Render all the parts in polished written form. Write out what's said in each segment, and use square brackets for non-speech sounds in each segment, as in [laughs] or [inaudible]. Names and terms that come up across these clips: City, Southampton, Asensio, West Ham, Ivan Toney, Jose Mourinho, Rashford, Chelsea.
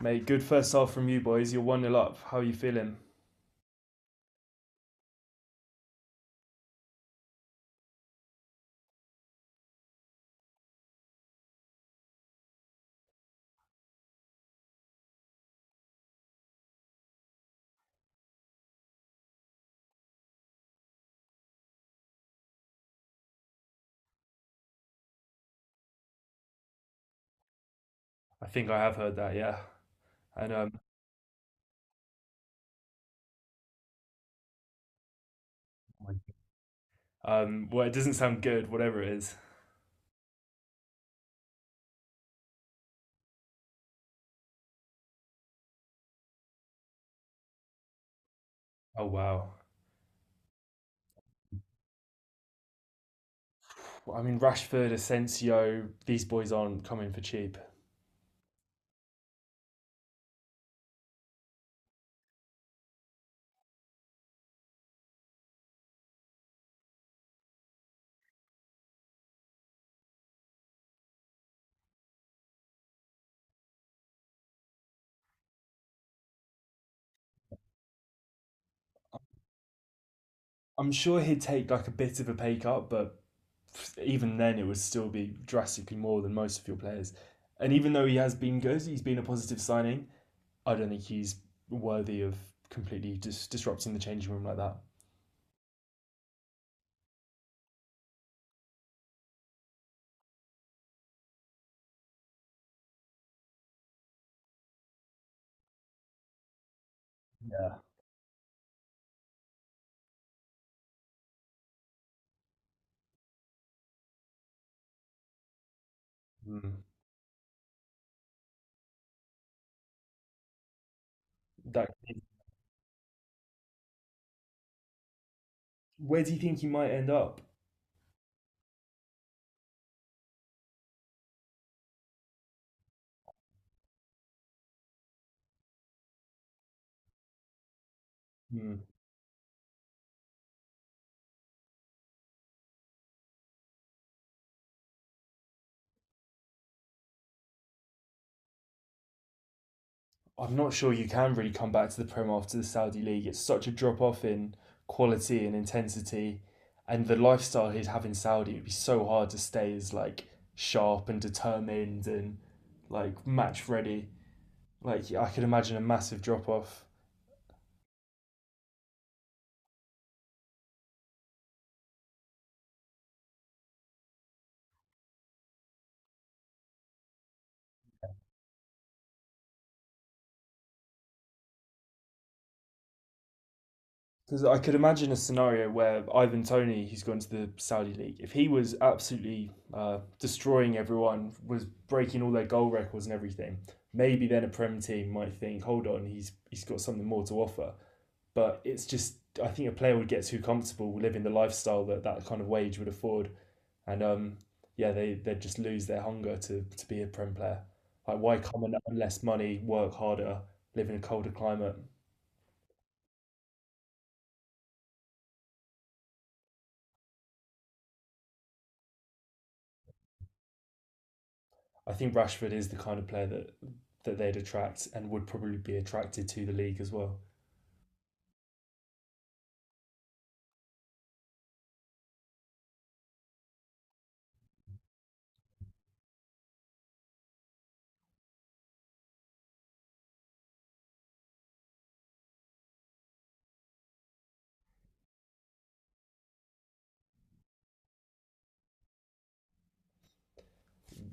Mate, good first half from you boys. You're one nil up. How are you feeling? I think I have heard that. Yeah, and well, it doesn't sound good. Whatever it is. Oh wow. I mean, Rashford, Asensio, these boys aren't coming for cheap. I'm sure he'd take like a bit of a pay cut, but even then, it would still be drastically more than most of your players. And even though he has been good, he's been a positive signing. I don't think he's worthy of completely just disrupting the changing room like that. Yeah. Mm. That Where do you think he might end up? Hmm. I'm not sure you can really come back to the Prem after the Saudi League. It's such a drop off in quality and intensity, and the lifestyle he'd have in Saudi would be so hard to stay as like sharp and determined and like match ready. Like I could imagine a massive drop off. Because I could imagine a scenario where Ivan Tony, who's gone to the Saudi League, if he was absolutely destroying everyone, was breaking all their goal records and everything, maybe then a Prem team might think, hold on, he's got something more to offer. But I think a player would get too comfortable living the lifestyle that kind of wage would afford. And Yeah, they'd just lose their hunger to be a Prem player. Like, why come on, less money, work harder, live in a colder climate? I think Rashford is the kind of player that they'd attract and would probably be attracted to the league as well.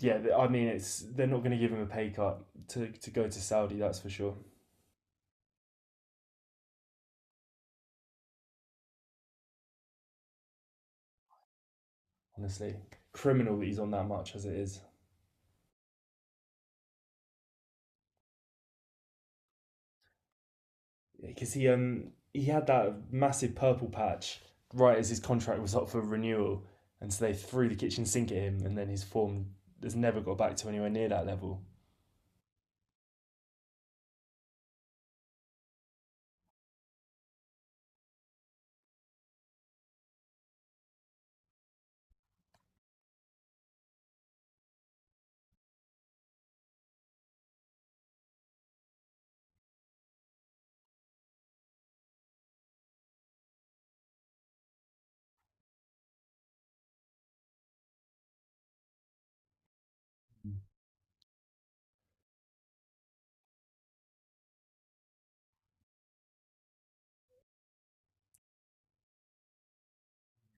Yeah, I mean, it's they're not going to give him a pay cut to go to Saudi. That's for sure. Honestly, criminal that he's on that much as it is because he had that massive purple patch right as his contract was up for renewal, and so they threw the kitchen sink at him, and then his form has never got back to anywhere near that level.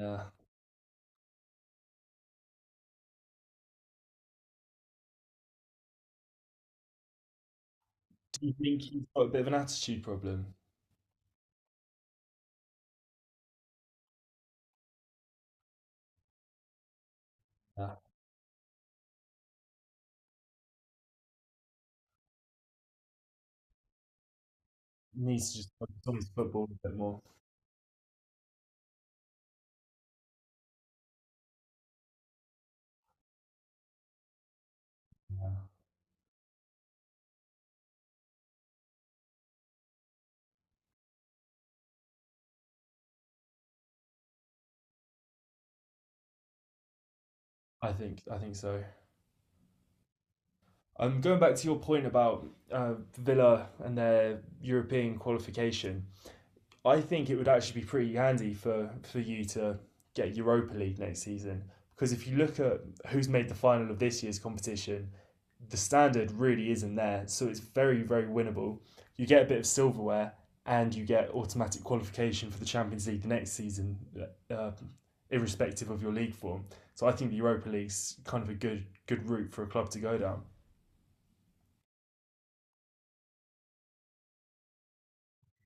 Uh, do you think he's got a bit of an attitude problem? Uh, he needs to just focus on his football a bit more. I think so. Going back to your point about Villa and their European qualification, I think it would actually be pretty handy for you to get Europa League next season because if you look at who's made the final of this year's competition, the standard really isn't there, so it's very, very winnable. You get a bit of silverware and you get automatic qualification for the Champions League the next season, uh, irrespective of your league form. So I think the Europa League's kind of a good route for a club to go down.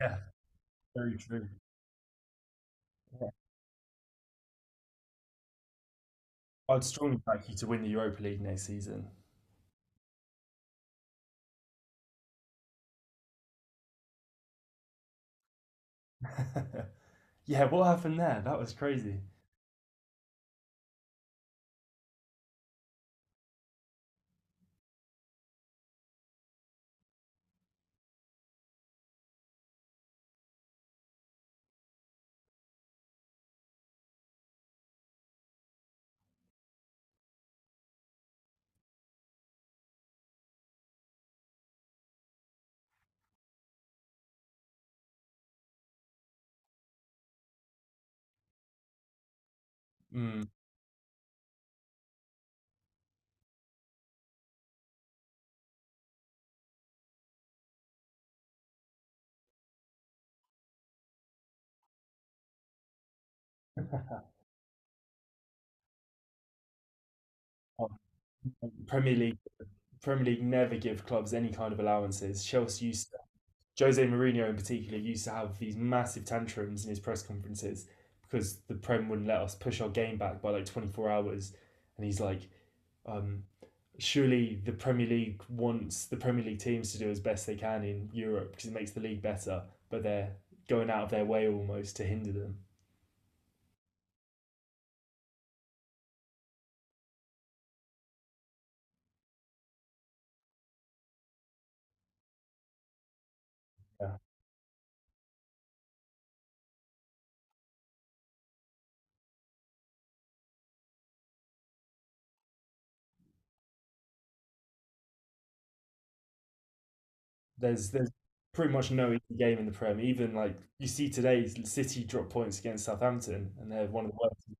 Yeah, very true. Yeah. I'd strongly back you to win the Europa League next season. [laughs] Yeah, what happened there? That was crazy. Mm. [laughs] Premier League Premier League never give clubs any kind of allowances. Chelsea used Jose Mourinho in particular used to have these massive tantrums in his press conferences because the Prem wouldn't let us push our game back by like 24 hours. And he's like, um, surely the Premier League wants the Premier League teams to do as best they can in Europe because it makes the league better, but they're going out of their way almost to hinder them. Yeah. There's pretty much no easy game in the Prem. Even like you see today, City drop points against Southampton, and they're one of the worst.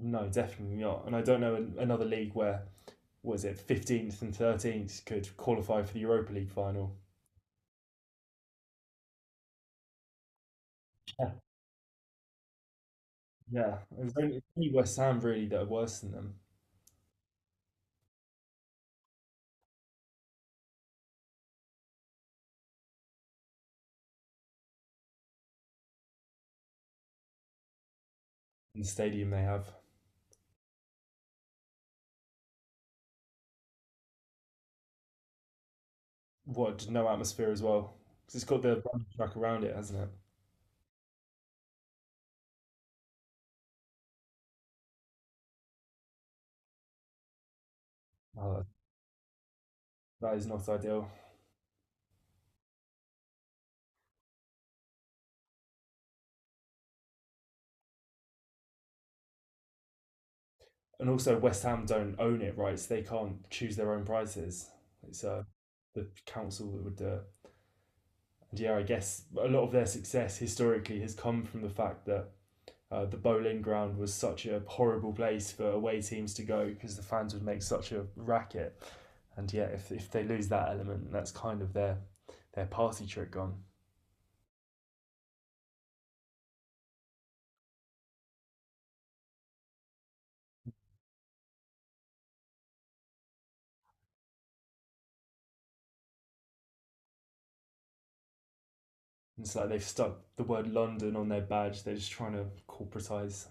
No, definitely not. And I don't know another league where was it 15th and 13th could qualify for the Europa League final. Yeah, yeah. It's only West Ham really that are worse than them in the stadium they have. What no atmosphere as well because it's got the track around it, hasn't it? Oh, that is not ideal. And also West Ham don't own it, right? So they can't choose their own prices. It's The council that would do it. And yeah, I guess a lot of their success historically has come from the fact that the bowling ground was such a horrible place for away teams to go because the fans would make such a racket. And yeah, if they lose that element, that's kind of their party trick gone. It's like they've stuck the word London on their badge. They're just trying to corporatise.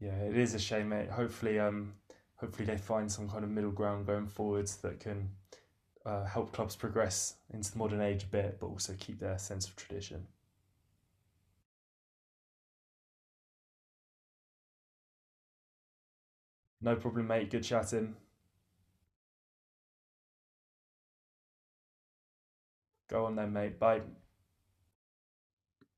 Yeah, it is a shame, mate. Hopefully they find some kind of middle ground going forwards that can help clubs progress into the modern age a bit, but also keep their sense of tradition. No problem, mate. Good chatting. Go on then, mate. Bye.